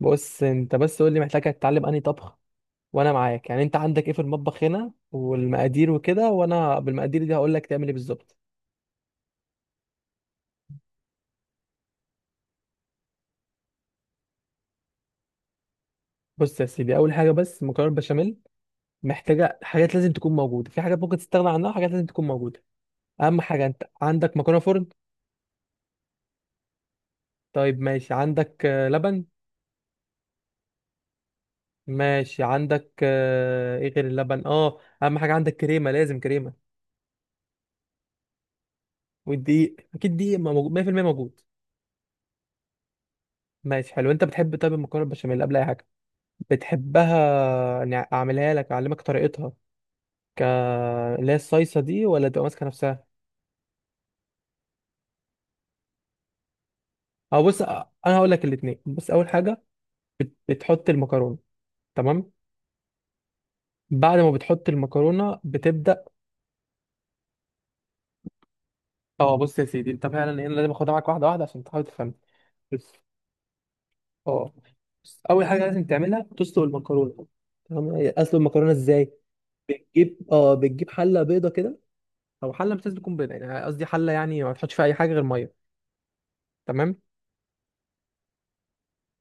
بص، انت بس قول لي محتاج تتعلم انهي طبخ. وانا معاك، يعني انت عندك ايه في المطبخ هنا والمقادير وكده، وانا بالمقادير دي هقول لك تعمل ايه بالظبط. بص يا سيدي، اول حاجه، بس مكرونه بشاميل محتاجه حاجات لازم تكون موجوده، في حاجات ممكن تستغنى عنها، وحاجات لازم تكون موجوده. اهم حاجه، انت عندك مكرونه فرن؟ طيب ماشي، عندك لبن. ماشي، عندك ايه غير اللبن؟ اه، اهم حاجه، عندك كريمه، لازم كريمه. والدقيق اكيد دقيق 100% موجود. ماشي حلو. انت بتحب، طيب، المكرونه بشاميل قبل اي حاجه بتحبها إني اعملها لك، اعلمك طريقتها، ك اللي هي الصيصه دي، ولا تبقى ماسكه نفسها؟ اه، بص انا هقول لك الاثنين. بص، اول حاجه، بتحط المكرونه. تمام. بعد ما بتحط المكرونه بتبدا. اه، بص يا سيدي، انت فعلا انا لازم اخدها معاك واحده واحده عشان تحاول تفهم. بس. اه، بص اول حاجه لازم تعملها، تسلق المكرونه. تمام. هي اسلق المكرونه ازاي؟ بتجيب حله بيضه كده. او حله مش لازم تكون بيضه، يعني قصدي حله يعني ما تحطش فيها اي حاجه غير ميه. تمام.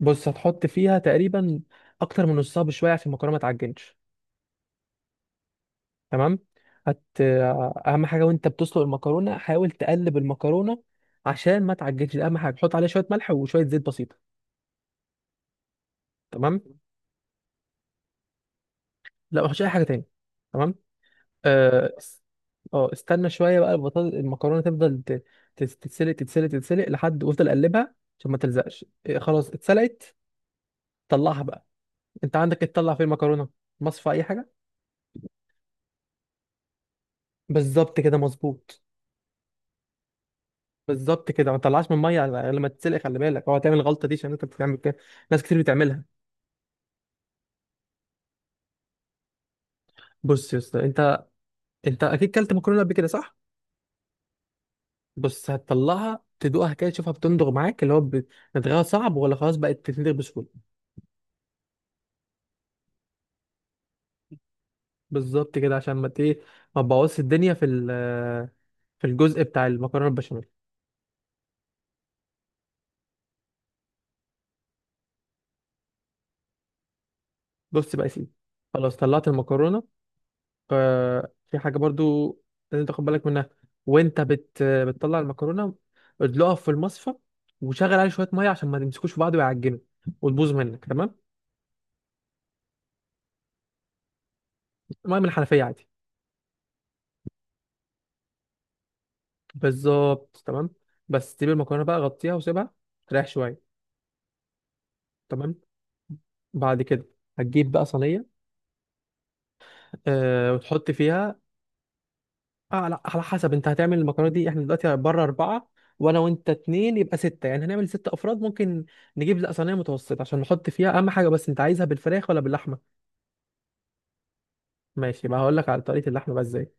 بص هتحط فيها تقريبا اكتر من نصها بشويه عشان المكرونه ما تعجنش. تمام. هت اهم حاجه وانت بتسلق المكرونه، حاول تقلب المكرونه عشان ما تعجنش، ده اهم حاجه. حط عليها شويه ملح وشويه زيت بسيطه. تمام. لا ما تحطش اي حاجه تاني. تمام. اه، استنى شويه بقى. البطاطس المكرونه تفضل تتسلق لحد وافضل قلبها عشان ما تلزقش، خلاص اتسلقت. طلعها بقى. انت عندك تطلع فين المكرونه؟ مصفى اي حاجه؟ بالظبط كده، مظبوط. بالظبط كده، ما تطلعش من الميه لما تتسلق، خلي بالك. هو هتعمل الغلطه دي عشان انت بتعمل كده، ناس كتير بتعملها. بص يا اسطى، انت اكيد كلت مكرونه قبل كده، صح؟ بص هتطلعها، تدوقها كده، تشوفها بتندغ معاك، اللي هو رتغاها صعب ولا خلاص بقت تتندغ بسهوله. بالظبط كده، عشان ما ت- ايه ما تبوظش الدنيا في في الجزء بتاع المكرونه البشاميل. بص بقى يا سيدي، خلاص طلعت المكرونه. ففي حاجة برضو لازم تاخد بالك منها وانت بتطلع المكرونة. ادلقها في المصفى، وشغل عليه شوية مية عشان ما تمسكوش في بعض ويعجنوا، وتبوظ منك. تمام. مية من الحنفية عادي. بالظبط، تمام. بس تجيب المكرونة بقى، غطيها وسيبها تريح شوية. تمام. بعد كده هتجيب بقى صينية، وتحط فيها. اه لا، على حسب. انت هتعمل المكرونه دي احنا دلوقتي بره اربعه، وانا وانت اتنين، يبقى سته. يعني هنعمل 6 افراد ممكن. نجيب، لا، صينيه متوسطه عشان نحط فيها. اهم حاجه، بس انت عايزها بالفراخ ولا باللحمه؟ ماشي بقى، هقول لك على طريقه اللحمه بقى ازاي.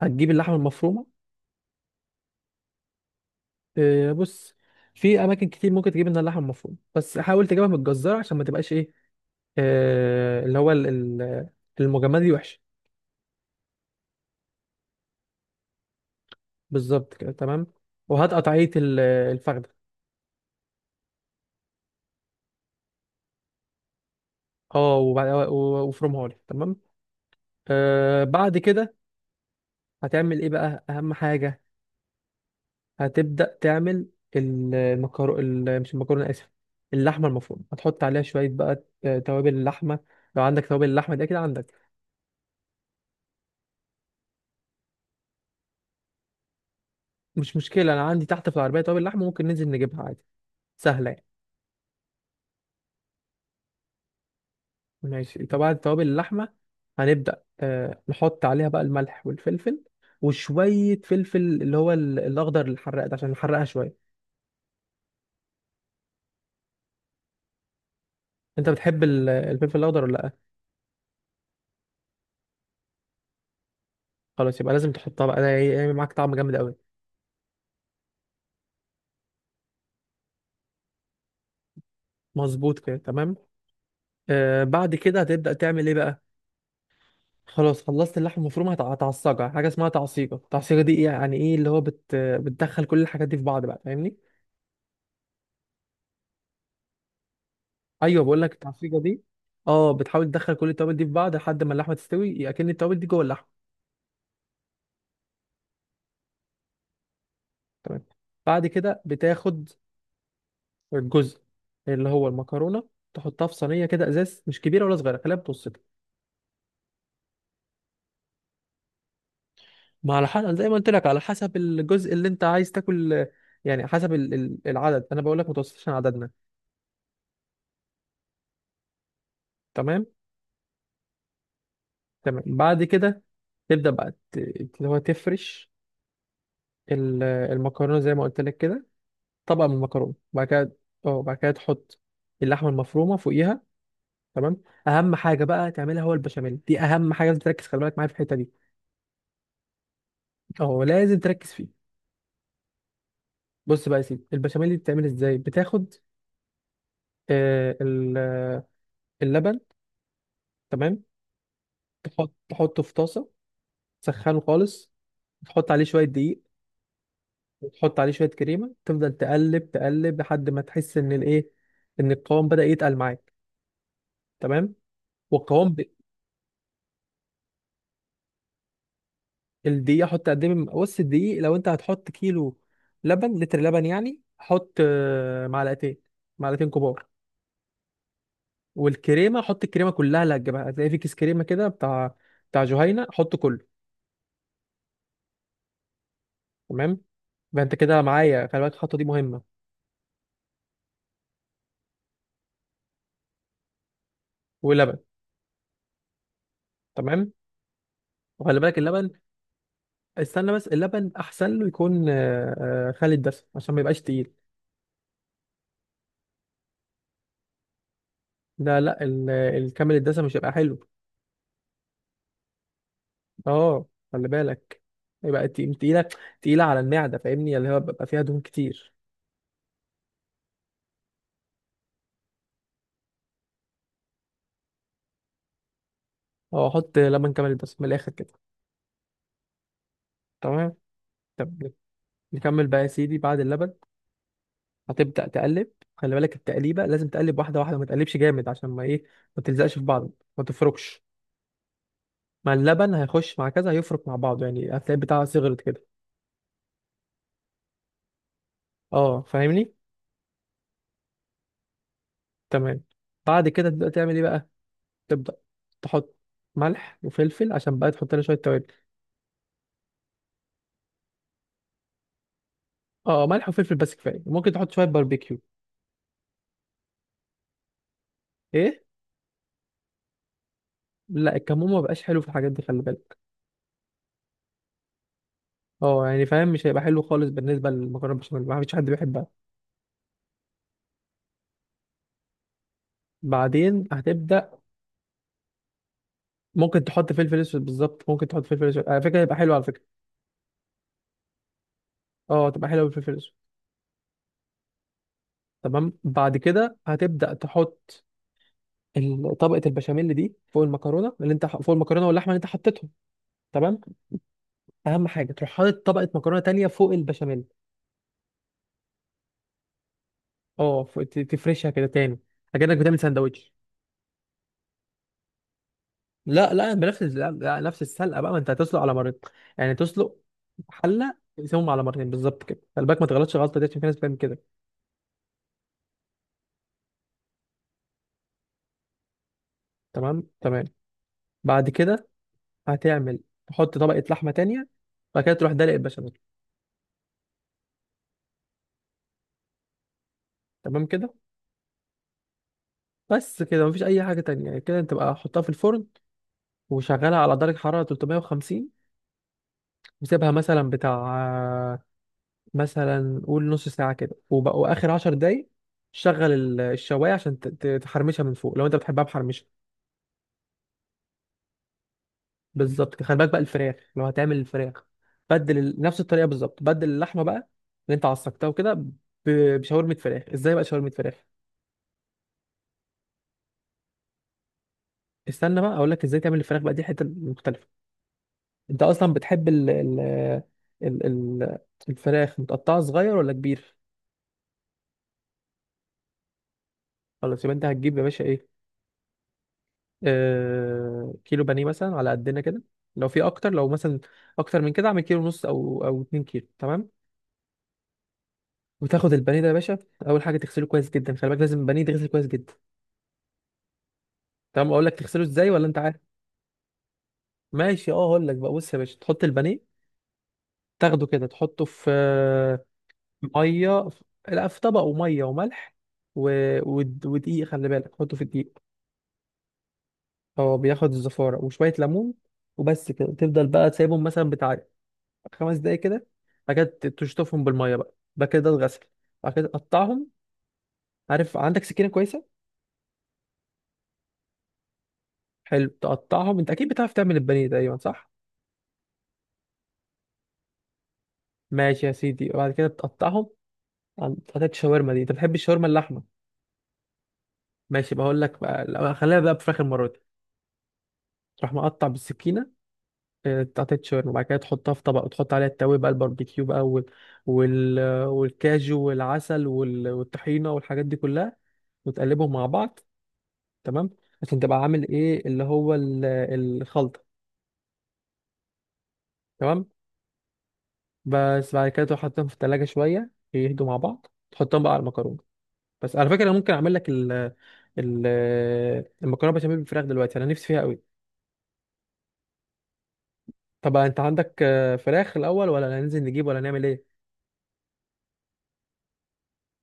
هتجيب اللحمه المفرومه. اه بص، في اماكن كتير ممكن تجيب منها اللحمه المفرومه، بس حاول تجيبها متجزره عشان ما تبقاش ايه اه اللي هو المجمده دي وحشه. بالظبط كده، تمام. وهات قطعيه الفخده. اه، وافرمها لي. تمام. بعد كده، هتعمل ايه بقى؟ اهم حاجه، هتبدا تعمل مش المكرونه، اسف، اللحمه المفرومه. هتحط عليها شويه بقى توابل اللحمه. لو عندك توابل اللحمه دي، اكيد عندك. مش مشكله، انا عندي تحت في العربيه توابل لحمه، ممكن ننزل نجيبها عادي، سهله يعني. ماشي طبعا، توابل اللحمه، هنبدا نحط عليها بقى الملح والفلفل، وشويه فلفل اللي هو الاخضر الحراق ده عشان نحرقها شويه. انت بتحب الفلفل الاخضر ولا لا؟ خلاص، يبقى لازم تحطها بقى، ده هيعمل معاك طعم جامد قوي. مظبوط كده، تمام. بعد كده هتبدأ تعمل ايه بقى؟ خلاص، خلصت اللحمة المفرومة. هتعصجها. حاجة اسمها تعصيجة. التعصيجة دي إيه؟ يعني ايه، اللي هو بتدخل كل الحاجات دي في بعض بقى، فاهمني؟ ايوه، بقول لك التعصيجة دي. اه، بتحاول تدخل كل التوابل دي في بعض لحد ما اللحمة تستوي، اكن التوابل دي جوه اللحمة. تمام. بعد كده بتاخد الجزء اللي هو المكرونة، تحطها في صينية كده ازاز، مش كبيرة ولا صغيرة، خليها متوسطة. ما على حسب، زي ما قلت لك، على حسب الجزء اللي انت عايز تاكل. يعني حسب العدد، انا بقول لك متوسط عشان عددنا. تمام تمام. بعد كده تبدأ بقى اللي هو تفرش المكرونة زي ما قلت لك كده، طبقة من المكرونة. بعد كده، اه، بعد كده تحط اللحمة المفرومة فوقيها. تمام. أهم حاجة بقى تعملها، هو البشاميل دي أهم حاجة، لازم تركز. خلي بالك معايا في الحتة دي. اه، لازم تركز فيه. بص بقى يا سيدي، البشاميل دي بتعمل ازاي؟ بتاخد آه، ال- آه، اللبن. تمام. تحطه في طاسة، تسخنه خالص. تحط عليه شوية دقيق، وتحط عليه شويه كريمه، تفضل تقلب تقلب لحد ما تحس ان ان القوام بدا يتقل معاك. تمام. والقوام الدقيق حط قد ايه، بص الدقيق لو انت هتحط كيلو لبن، لتر لبن يعني، حط معلقتين كبار. والكريمه حط الكريمه كلها اللي هتجيبها، هتلاقي في كيس كريمه كده بتاع جهينه، حط كله. تمام، يبقى انت كده معايا، خلي بالك الخطوه دي مهمه. ولبن. تمام. وخلي بالك اللبن. استنى بس، اللبن احسن له يكون خالي الدسم عشان ما يبقاش تقيل. لا لا، الكامل الدسم مش هيبقى حلو. اه، خلي بالك، يبقى تقيله على المعده، فاهمني؟ اللي هو بيبقى فيها دهون كتير. اه، احط لبن كامل الدسم من الاخر كده. تمام. طب نكمل بقى يا سيدي بعد اللبن. هتبدا تقلب. خلي بالك، التقليبه لازم تقلب واحده واحده، ما تقلبش جامد عشان ما ما تلزقش في بعض. ما تفركش، مع اللبن هيخش مع كذا، هيفرك مع بعضه يعني، هتلاقي بتاعها صغرت كده. اه، فاهمني. تمام. بعد كده تبدا تعمل ايه بقى؟ تبدأ تحط ملح وفلفل عشان بقى تحط لنا شوية توابل. اه، ملح وفلفل بس كفاية. ممكن تحط شوية باربيكيو. ايه؟ لا، الكمون ما بقاش حلو في الحاجات دي، خلي بالك. اه يعني فاهم، مش هيبقى حلو خالص. بالنسبة للمكرونة بشاميل، ما فيش حد بيحبها. بعدين ممكن تحط فلفل اسود. بالظبط، ممكن تحط فلفل اسود على فكرة، هيبقى حلو على فكرة. اه، تبقى حلوة بالفلفل الاسود. تمام، بعد كده هتبدأ تحط طبقة البشاميل دي فوق المكرونة واللحمة اللي انت حطيتهم. تمام. اهم حاجة، تروح حاطط طبقة مكرونة تانية فوق البشاميل. اه، تفرشها كده تاني، اكنك بتعمل سندوتش. لا لا، نفس السلقه بقى، ما انت هتسلق على مرتين. يعني تسلق حله، تقسمهم على مرتين بالظبط كده. خلي بالك ما تغلطش غلطه دي، عشان في ناس بتعمل كده. تمام تمام. بعد كده هتعمل تحط طبقه لحمه تانية. بعد كده تروح دلق البشاميل. تمام كده. بس كده، مفيش اي حاجه تانية، يعني كده انت بقى حطها في الفرن، وشغلها على درجه حراره 350، وسيبها مثلا قول نص ساعة كده، وآخر 10 دقايق شغل الشواية عشان تحرمشها من فوق، لو أنت بتحبها محرمشة. بالظبط كده. خلي بالك بقى، الفراخ لو هتعمل الفراخ، بدل نفس الطريقة بالظبط، بدل اللحمة بقى اللي أنت عصقتها وكده، بشاورمة فراخ. إزاي بقى شاورمة فراخ؟ استنى بقى، أقول لك إزاي تعمل الفراخ بقى، دي حتة مختلفة. أنت أصلا بتحب ال ال ال ال الفراخ متقطعة صغير ولا كبير؟ خلاص يبقى أنت هتجيب يا باشا إيه، كيلو بانيه مثلا على قدنا كده. لو في اكتر، لو مثلا اكتر من كده، اعمل كيلو ونص او 2 كيلو. تمام. وتاخد البانيه ده يا باشا، اول حاجه تغسله كويس جدا. خلي بالك، لازم البانيه يتغسل كويس جدا. تمام. اقول لك تغسله ازاي ولا انت عارف؟ ماشي، اه، اقول لك بقى، بص يا باشا، تحط البانيه، تاخده كده، تحطه في لا، في طبق وميه وملح و... ودقيق. خلي بالك حطه في الدقيق. هو بياخد الزفاره، وشويه ليمون، وبس كده. تفضل بقى تسيبهم مثلا بتاع 5 دقايق كده. بعد كده تشطفهم بالميه بقى، بعد كده ده الغسل. بعد كده تقطعهم. عارف؟ عندك سكينه كويسه؟ حلو، تقطعهم. انت اكيد بتعرف تعمل البانيه تقريبا، صح؟ ماشي يا سيدي، وبعد كده تقطعهم حتت الشاورما. دي انت بتحب الشاورما اللحمه؟ ماشي، بقول لك بقى، لا، خليها بقى بفراخ المره دي. تروح مقطع بالسكينه قطعتين شاورما. وبعد كده تحطها في طبق وتحط عليها التوابل بقى، الباربيكيو بقى وال... والكاجو والعسل والطحينه والحاجات دي كلها، وتقلبهم مع بعض. تمام. عشان تبقى عامل ايه، اللي هو الخلطه. تمام. بس بعد كده تروح حاططهم في التلاجة، شويه يهدوا مع بعض، تحطهم بقى على المكرونه. بس على فكره، انا ممكن اعمل لك ال ال المكرونه بشاميل بالفراخ دلوقتي، انا نفسي فيها قوي. طب انت عندك فراخ الاول ولا هننزل نجيب ولا نعمل ايه؟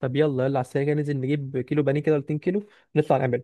طب يلا يلا، على السريع كده ننزل نجيب كيلو بانيه كده ولا 2 كيلو، نطلع نعمل.